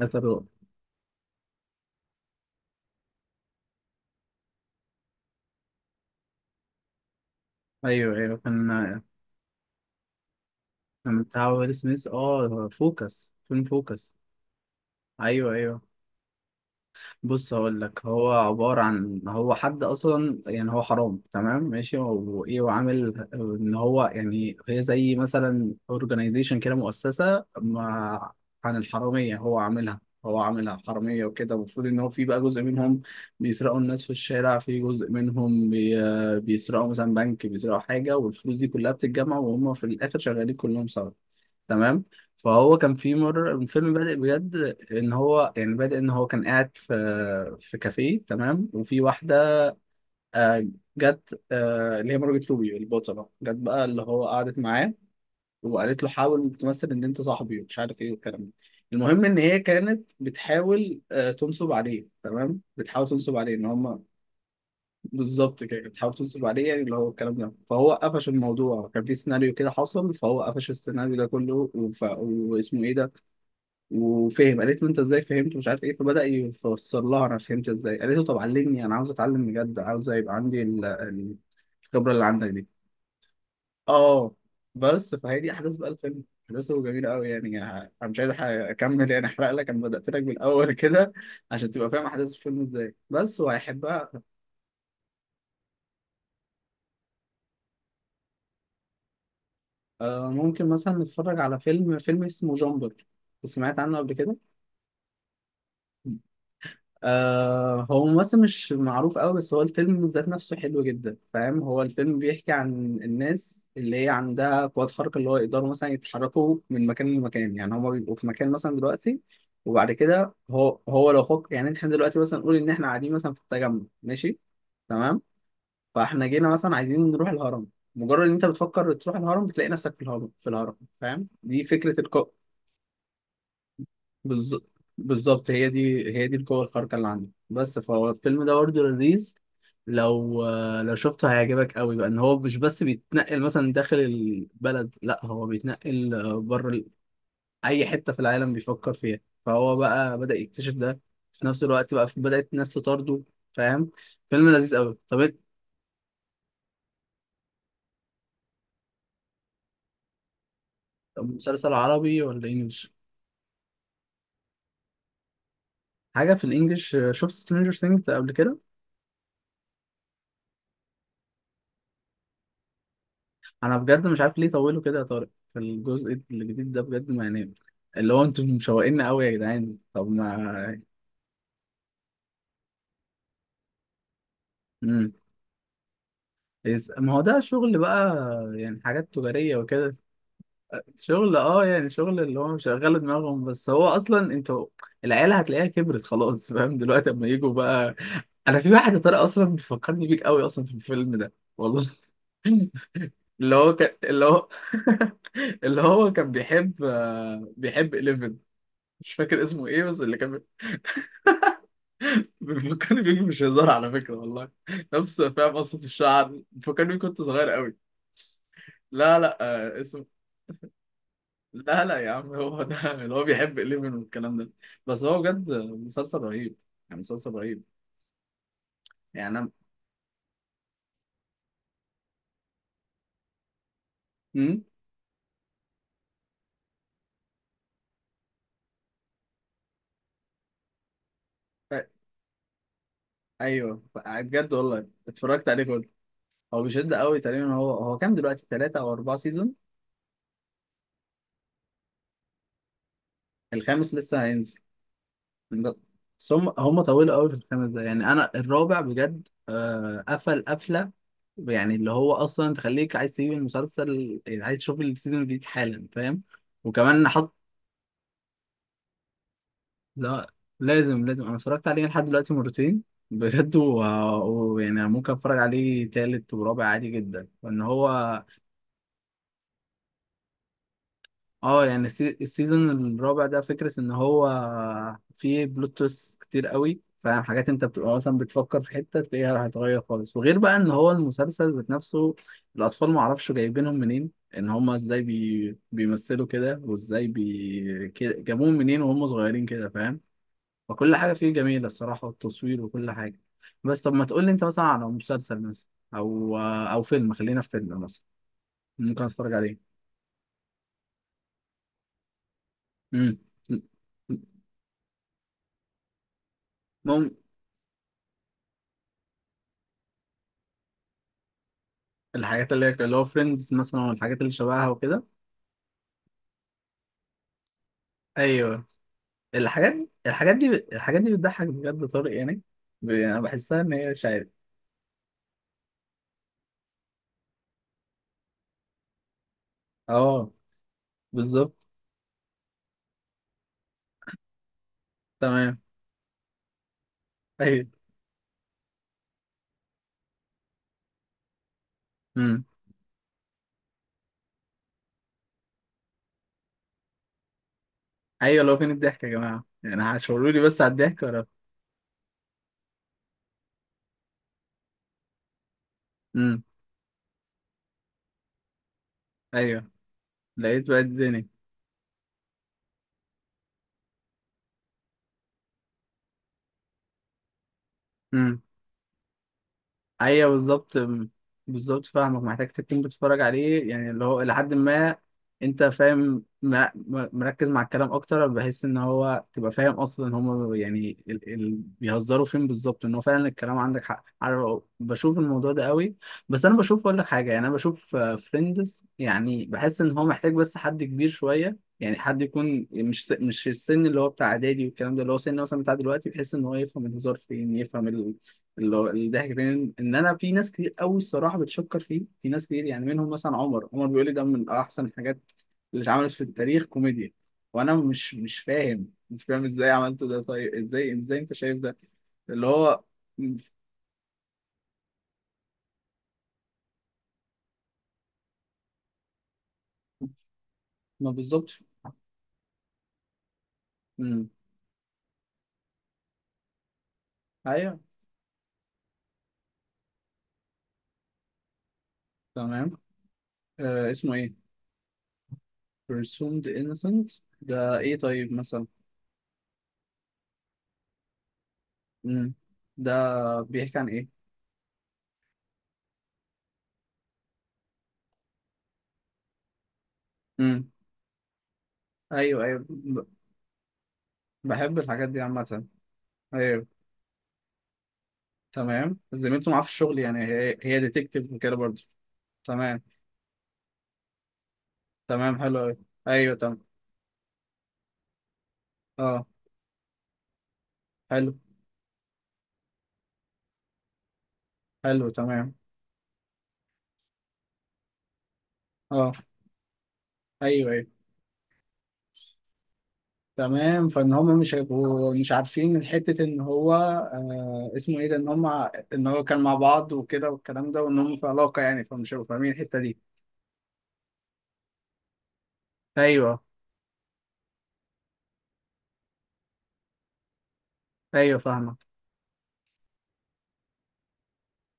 هترو. ايوه, ايوه, كان بتاع ويل سميث. اه فوكس, فيلم فوكس. ايوه, ايوه. بص هقول لك. هو عبارة عن, هو حد أصلا يعني هو حرام, تمام, ماشي, وإيه, وعامل إن هو يعني هي زي مثلا أورجنايزيشن كده, مؤسسة مع عن الحرامية. هو عاملها حرامية وكده. المفروض إن هو في بقى جزء منهم بيسرقوا الناس في الشارع, في جزء منهم بيسرقوا مثلا بنك, بيسرقوا حاجة, والفلوس دي كلها بتتجمع, وهم في الآخر شغالين كلهم سوا. تمام. فهو كان في مرة الفيلم بادئ بجد ان هو يعني بادئ ان هو كان قاعد في كافيه, تمام, وفي واحدة آه، جت, اللي هي مارجت روبي البطلة, جت بقى اللي هو قعدت معاه وقالت له حاول تمثل ان انت صاحبي ومش عارف ايه والكلام ده. المهم ان هي كانت بتحاول, تنصب عليه, تمام, بتحاول تنصب عليه ان هم. بالظبط كده, كانت بتحاول تنصب عليه يعني, اللي هو الكلام ده. فهو قفش الموضوع, كان في سيناريو كده حصل, فهو قفش السيناريو ده كله وف... واسمه ايه ده وفهم. قالت له انت ازاي فهمت, مش عارف ايه, فبدأ يفسر لها انا فهمت ازاي. قالت له طب علمني, انا عاوز اتعلم بجد, عاوز يبقى عندي الخبرة اللي عندك دي. اه, بس فهي دي احداث بقى الفيلم. احداثه جميلة قوي يعني. انا مش عايز اكمل يعني, احرق لك, انا بدأت لك بالاول كده عشان تبقى فاهم احداث الفيلم ازاي بس, وهيحبها. آه, ممكن مثلا نتفرج على فيلم, فيلم اسمه جامبر. سمعت عنه قبل كده؟ آه, هو ممثل مش معروف قوي, بس هو الفيلم ذات نفسه حلو جدا, فاهم؟ هو الفيلم بيحكي عن الناس اللي هي عندها قوات خارقة, اللي هو يقدروا مثلا يتحركوا من مكان لمكان. يعني هما بيبقوا في مكان مثلا دلوقتي, وبعد كده هو لو فكر, يعني احنا دلوقتي مثلا نقول ان احنا قاعدين مثلا في التجمع, ماشي, تمام, فاحنا جينا مثلا عايزين نروح الهرم, مجرد ان انت بتفكر تروح الهرم بتلاقي نفسك في الهرم, في الهرم. فاهم دي فكرة؟ بالظ- بالظبط, هي دي القوة الخارقة اللي عندي, بس. فهو الفيلم ده برضه لذيذ. لو لو شفته هيعجبك قوي. بقى ان هو مش بس بيتنقل مثلا داخل البلد, لا, هو بيتنقل بره ال- اي حتة في العالم بيفكر فيها. فهو بقى بدأ يكتشف ده, في نفس الوقت بقى بدأت الناس تطارده, فاهم؟ فيلم لذيذ قوي. طب طب مسلسل عربي ولا انجلش؟ حاجة في الانجليش. شفت سترينجر ثينجز قبل كده؟ انا بجد مش عارف ليه طولوا كده يا طارق في الجزء الجديد ده بجد, ما يعني, اللي هو انتم مشوقين قوي يا جدعان. طب ما امم ما هو ده شغل بقى, يعني حاجات تجارية وكده. شغل, اه, يعني شغل اللي هو شغال دماغهم بس. هو اصلا انتوا العيله هتلاقيها كبرت خلاص, فاهم, دلوقتي اما يجوا بقى. انا في واحد يا طارق اصلا بيفكرني بيك قوي اصلا في الفيلم ده والله. اللي هو كان, اللي هو اللي هو كان بيحب, بيحب 11. مش فاكر اسمه ايه, بس اللي كان بيفكرني بيك, مش هزار على فكرة والله. نفس, فاهم, قصة الشعر بيفكرني بيك كنت صغير قوي. لا لا, آه, اسمه, لا لا يا عم, هو ده اللي هو بيحب إليفن والكلام ده. بس هو بجد مسلسل رهيب, يعني مسلسل رهيب. يعني أنا, أمم؟ أ- أيوه, بجد والله اتفرجت عليه كله. هو بيشد قوي. تقريبا هو, هو كام دلوقتي, ثلاثة أو أربعة سيزون؟ الخامس لسه هينزل. ب- بس هم طولوا قوي في الخمس دقايق. يعني انا الرابع بجد قفل قفله, يعني اللي هو اصلا تخليك عايز تسيب المسلسل, يعني عايز تشوف السيزون الجديد حالا, فاهم؟ وكمان حط. لا, لازم, لازم, انا اتفرجت عليه لحد دلوقتي مرتين, بجد, ويعني ممكن اتفرج عليه تالت ورابع عادي جدا, وان هو. اه, يعني السيزون الرابع ده فكرة ان هو فيه بلوت تويست كتير قوي, فاهم, حاجات انت بتبقى مثلا بتفكر في حتة تلاقيها هتتغير خالص. وغير بقى ان هو المسلسل ذات نفسه الاطفال معرفش جايبينهم منين, ان هما ازاي بيمثلوا كده, وازاي جابوهم منين وهم صغيرين كده, فاهم؟ فكل حاجة فيه جميلة, الصراحة, والتصوير وكل حاجة. بس طب ما تقول لي انت مثلا على مسلسل مثلا, او او فيلم, خلينا في فيلم مثلا ممكن اتفرج عليه. امم. الحاجات اللي هي اللي هو فريندز مثلا والحاجات اللي شبهها وكده. ايوه, الحاجات, الحاجات دي الحاجات دي بتضحك بجد يا طارق, يعني, انا بحسها ان هي, شايف. اه, بالظبط, تمام. ايوه. امم. ايوه, لو فين الضحك يا جماعه يعني, هشاوروا لي بس على الضحك ولا. امم. ايوه, لقيت بقى الدنيا. ايوه, بالظبط. بالظبط, فاهمك, محتاج تكون بتتفرج عليه يعني اللي هو لحد ما انت فاهم, مركز مع الكلام اكتر, بحيث ان هو تبقى فاهم اصلا هم يعني بيهزروا فين بالظبط. ان هو فعلا الكلام عندك حق, عارف, بشوف الموضوع ده قوي. بس انا بشوف, اقول لك حاجه, يعني انا بشوف فريندز يعني بحس ان هو محتاج بس حد كبير شويه, يعني حد يكون مش السن اللي هو بتاع اعدادي والكلام ده, اللي هو سن مثلا بتاع دلوقتي, بحيث ان هو يفهم الهزار فين, يفهم اللي هو الضحك فين. ان انا في ناس كتير قوي الصراحه بتشكر فيه, في ناس كتير يعني, منهم مثلا عمر بيقول لي ده من احسن الحاجات اللي اتعملت في التاريخ كوميديا, وانا مش فاهم, مش فاهم ازاي عملته ده. طيب ازاي, ازاي انت شايف ده اللي هو؟ ما بالظبط. امم. ايوه, تمام, آه اسمه ايه؟ Presumed Innocent ده ايه طيب مثلا؟ امم, ده بيحكي عن ايه؟ امم. ايوه, ايوه, بحب الحاجات دي عامه. ايوه, تمام, زميلته معاه في الشغل يعني, هي, هي ديتكتيف وكده برضه. تمام. تمام, حلو أوي. أيوه, تمام. أه, حلو. حلو, تمام. أه. أيوه, أيوه, تمام. فإن هما مش هيبقوا, مش عارفين من حتة إن هو, آه, اسمه إيه ده, إن هما, إن هو كان مع بعض وكده والكلام ده, وإن هما في علاقة يعني, فمش هيبقوا فاهمين الحتة دي. أيوه, أيوه, فاهمك.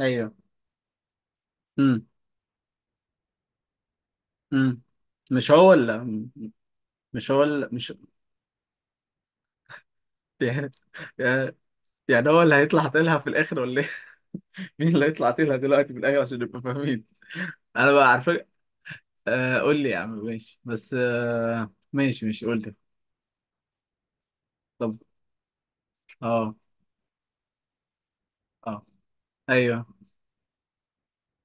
أيوه. أمم. أمم, مش هو اللي, مش هو اللي مش. يعني هو اللي هيطلع طلها في الآخر ولا إيه؟ مين اللي هيطلع تلها دلوقتي في الاخر عشان نبقى فاهمين؟ انا بقى عارفك. آه, قول لي يا عم ماشي, بس آه, ماشي, ماشي, قول لي. طب, اه, اه, ايوه.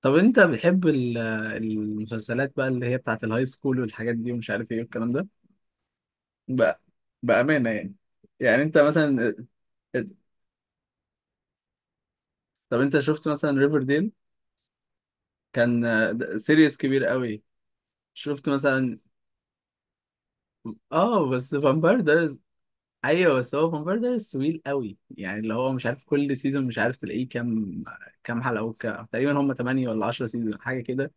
طب انت بتحب المسلسلات بقى اللي هي بتاعت الهاي سكول والحاجات دي ومش عارف ايه والكلام ده بقى, بأمانة يعني, يعني انت مثلا. آه، طب انت شفت مثلا ريفرديل؟ كان سيريس كبير قوي. شفت مثلا. اه, بس فامباير ده, ايوه, بس هو فامباير دايريز طويل قوي يعني, اللي هو مش عارف كل سيزون مش عارف تلاقيه كام, كام حلقه, تقريبا هم 8 ولا 10 سيزون حاجه كده.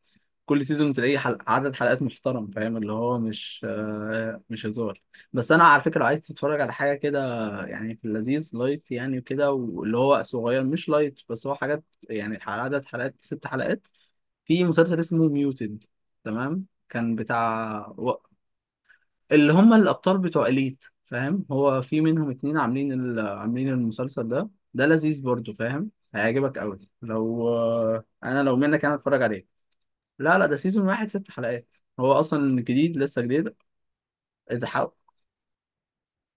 كل سيزون تلاقيه عدد حلقات محترم, فاهم, اللي هو مش, مش هزار. بس انا على فكره لو عايز تتفرج على حاجه كده, يعني في اللذيذ لايت يعني وكده, واللي هو صغير مش لايت, بس هو حاجات, يعني عدد حلقات ست حلقات. في مسلسل اسمه ميوتد. تمام, كان بتاع اللي هم الابطال بتوع اليت, فاهم, هو في منهم اتنين عاملين عاملين المسلسل ده. ده لذيذ برضو, فاهم, هيعجبك قوي لو, انا لو منك انا اتفرج عليه. لا لا, ده سيزون واحد, ست حلقات, هو اصلا جديد, لسه جديد. اتحقق.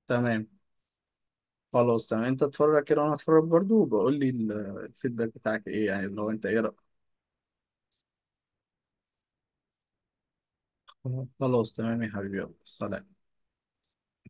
تمام, خلاص تمام, انت اتفرج كده وانا اتفرج برضو, وبقول لي الفيدباك بتاعك ايه يعني, اللي هو انت ايه رأيك. خلاص, تمام يا حبيبي, يلا سلام.